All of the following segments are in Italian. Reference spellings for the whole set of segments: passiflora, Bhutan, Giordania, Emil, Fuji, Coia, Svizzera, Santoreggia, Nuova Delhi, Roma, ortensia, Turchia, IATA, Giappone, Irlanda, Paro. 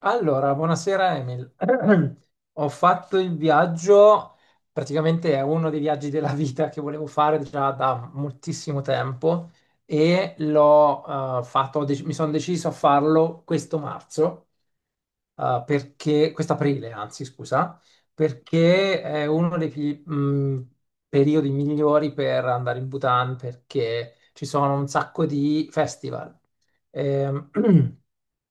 Allora, buonasera Emil. Ho fatto il viaggio, praticamente è uno dei viaggi della vita che volevo fare già da moltissimo tempo e l'ho fatto, ho dec- mi sono deciso a farlo questo marzo, scusa, perché è uno dei periodi migliori per andare in Bhutan perché ci sono un sacco di festival. Ehm,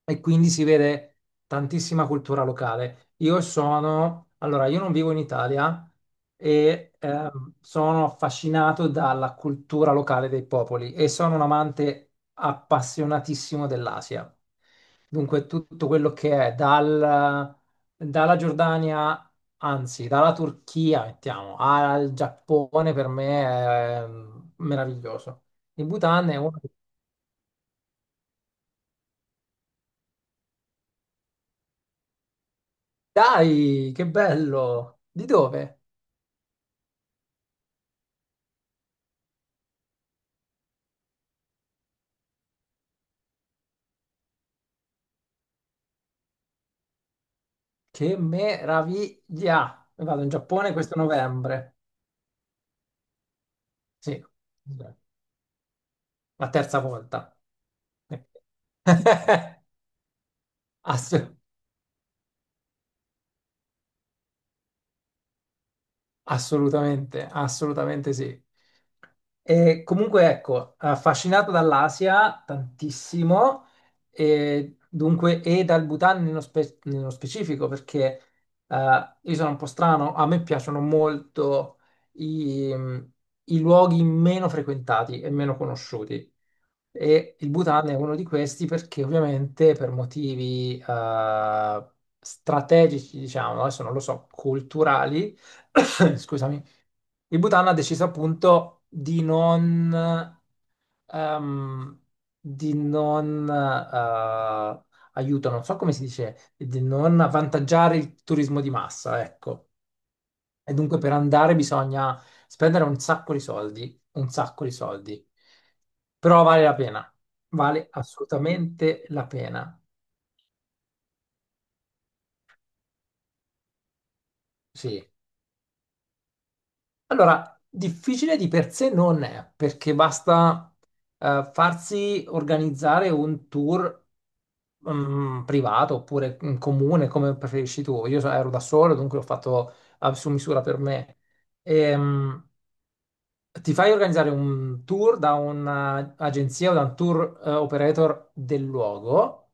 e quindi si vede tantissima cultura locale. Io non vivo in Italia e sono affascinato dalla cultura locale dei popoli e sono un amante appassionatissimo dell'Asia. Dunque, tutto quello che è dalla Giordania, anzi, dalla Turchia, mettiamo, al Giappone per me è meraviglioso. Il Bhutan è uno. Dai, che bello! Di dove? Che meraviglia! Vado in Giappone questo novembre. Sì, la terza volta. Assolutamente. Assolutamente, assolutamente sì. E comunque, ecco, affascinato dall'Asia tantissimo, e dunque, e dal Bhutan nello specifico, perché io sono un po' strano, a me piacciono molto i, i luoghi meno frequentati e meno conosciuti. E il Bhutan è uno di questi perché ovviamente per motivi strategici, diciamo, adesso non lo so, culturali, scusami, il Bhutan ha deciso appunto ehm, di non aiuto, non so come si dice, di non avvantaggiare il turismo di massa, ecco. E dunque per andare bisogna spendere un sacco di soldi, un sacco di soldi. Però vale la pena, vale assolutamente la pena. Sì. Allora, difficile di per sé non è, perché basta farsi organizzare un tour privato oppure in comune, come preferisci tu. Ero da solo, dunque l'ho fatto su misura per me. Ehm, Ti fai organizzare un tour da un'agenzia o da un tour operator del luogo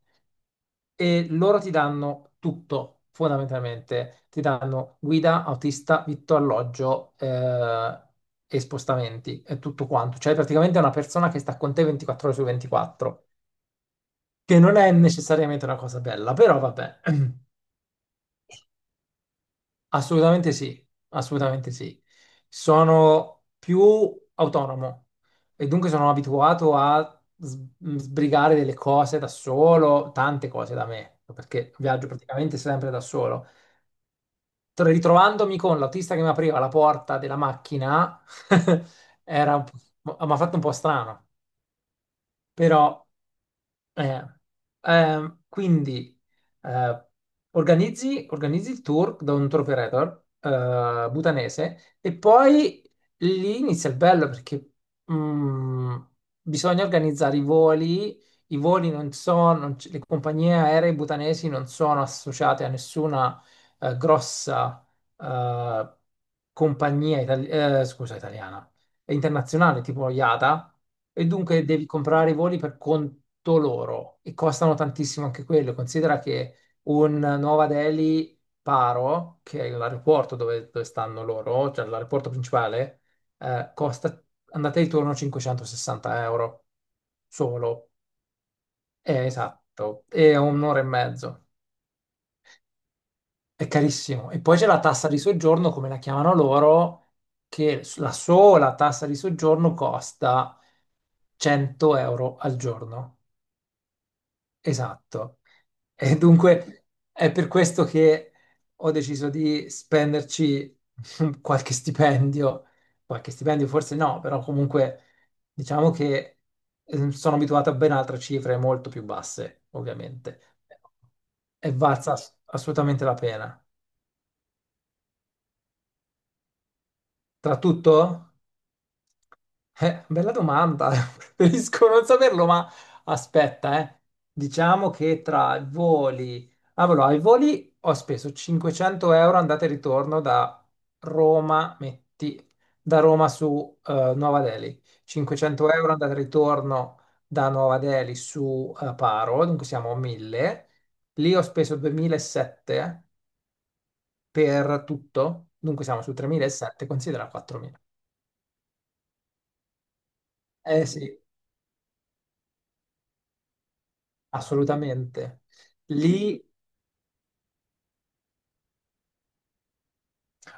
e loro ti danno tutto, fondamentalmente. Ti danno guida, autista, vitto, alloggio e spostamenti, è tutto quanto. Cioè, praticamente è una persona che sta con te 24 ore su 24, che non è necessariamente una cosa bella, però vabbè. Assolutamente sì, assolutamente sì. Sono più autonomo e dunque sono abituato a sbrigare delle cose da solo, tante cose da me, perché viaggio praticamente sempre da solo. Ritrovandomi con l'autista che mi apriva la porta della macchina, era mi ha fatto un po' strano, però eh, quindi eh, organizzi il tour da un tour operator bhutanese e poi lì inizia il bello perché mm, bisogna organizzare i voli. Non le compagnie aeree butanesi non sono associate a nessuna grossa eh, italiana è internazionale, tipo IATA, e dunque devi comprare i voli per conto loro e costano tantissimo anche quello. Considera che un Nuova Delhi Paro, che è l'aeroporto dove stanno loro, cioè l'aeroporto principale, costa andate e ritorno 560 euro solo. Esatto, è un'ora e mezzo. È carissimo. E poi c'è la tassa di soggiorno, come la chiamano loro, che la sola tassa di soggiorno costa 100 euro al giorno, esatto. E dunque è per questo che ho deciso di spenderci qualche stipendio, qualche stipendio forse no, però comunque diciamo che sono abituato a ben altre cifre molto più basse, ovviamente, e valsa assolutamente la pena. Tra tutto? Bella domanda, preferisco non saperlo, ma aspetta, eh. Diciamo che tra i voli, ah, allora, ai voli ho speso 500 euro andata e ritorno da Roma, metti, da Roma su Nuova Delhi, 500 euro andata e ritorno da Nuova Delhi su Paro, dunque siamo a 1000, lì ho speso 2007 per tutto, dunque siamo su 3007, considera 4.000. Eh sì, assolutamente. Lì,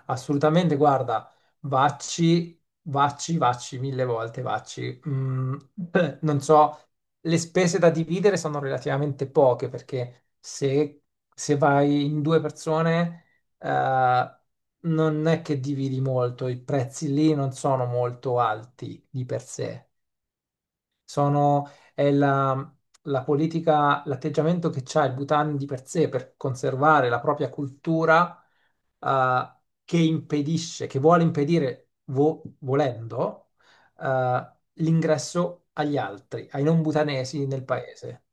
assolutamente, guarda, vacci, vacci, vacci, mille volte vacci. Non so, le spese da dividere sono relativamente poche perché se vai in due persone, eh, non è che dividi molto, i prezzi lì non sono molto alti di per sé. sono, è la, la politica, l'atteggiamento che ha il Bhutan di per sé per conservare la propria cultura, eh, che vuole impedire, volendo, eh, l'ingresso agli altri, ai non bhutanesi nel paese.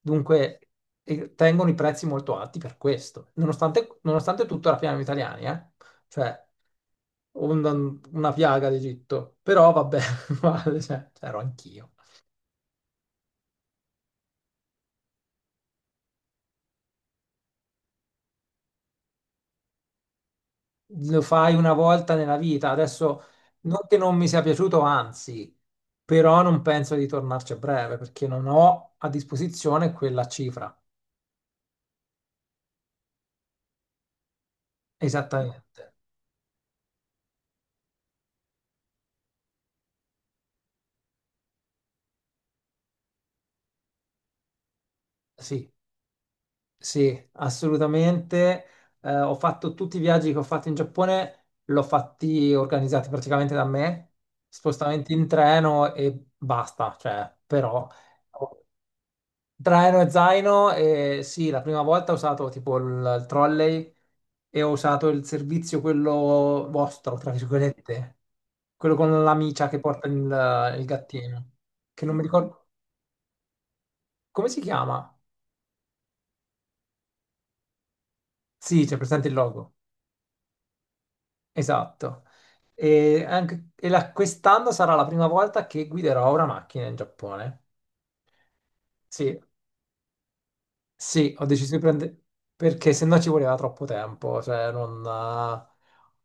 Dunque, e tengono i prezzi molto alti per questo, nonostante, nonostante tutto raffinano gli italiani, eh? Cioè, una piaga d'Egitto, però vabbè, guarda, cioè, c'ero anch'io. Lo fai una volta nella vita. Adesso non che non mi sia piaciuto, anzi, però non penso di tornarci a breve perché non ho a disposizione quella cifra. Esattamente. Sì, sì, assolutamente. Ho fatto tutti i viaggi che ho fatto in Giappone, l'ho fatti organizzati praticamente da me, spostamenti in treno e basta, cioè, però traino e zaino, e sì, la prima volta ho usato tipo il trolley e ho usato il servizio quello vostro, tra virgolette, quello con l'amicia che porta il gattino, che non mi ricordo come si chiama. Sì, c'è presente il logo, esatto. Quest'anno sarà la prima volta che guiderò una macchina in Giappone. Sì, sì, ho deciso di prendere perché se no ci voleva troppo tempo, cioè non eh,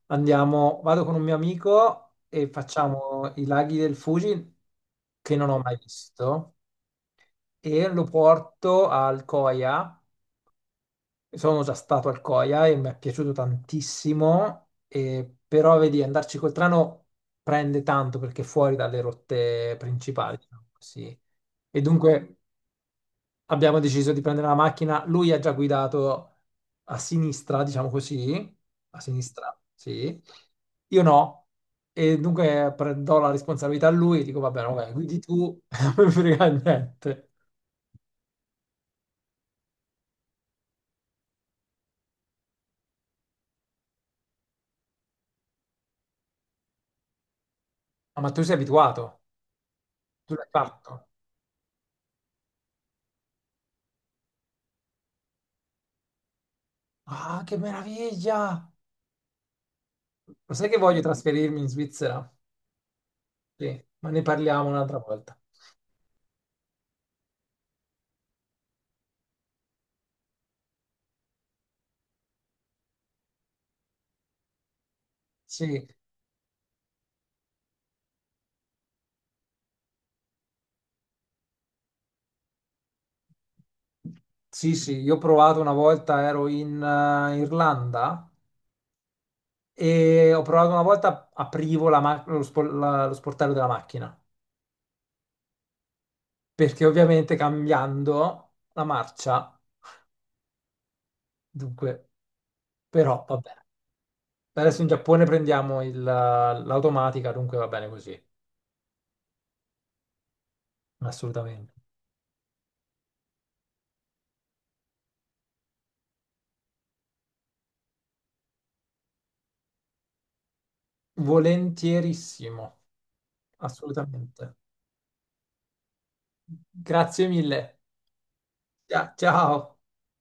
andiamo, vado con un mio amico e facciamo i laghi del Fuji che non ho mai visto e lo porto al Coia. Sono già stato al Coia e mi è piaciuto tantissimo, però vedi, andarci col treno prende tanto perché è fuori dalle rotte principali, diciamo così. E dunque abbiamo deciso di prendere la macchina. Lui ha già guidato a sinistra, diciamo così, a sinistra, sì. Io no. E dunque prendo la responsabilità a lui, dico va bene, vabbè, guidi tu, non mi frega niente. Ah, ma tu sei abituato, tu l'hai fatto. Ah, che meraviglia! Lo sai che voglio trasferirmi in Svizzera? Sì, ma ne parliamo un'altra volta. Sì, sì, sì, io ho provato una volta, ero in Irlanda e ho provato una volta, aprivo la ma- lo, spo- la- lo sportello della macchina, perché ovviamente cambiando la marcia, dunque, però vabbè. Adesso in Giappone prendiamo l'automatica, dunque va bene così, assolutamente. Volentierissimo, assolutamente. Grazie mille. Ciao, ciao.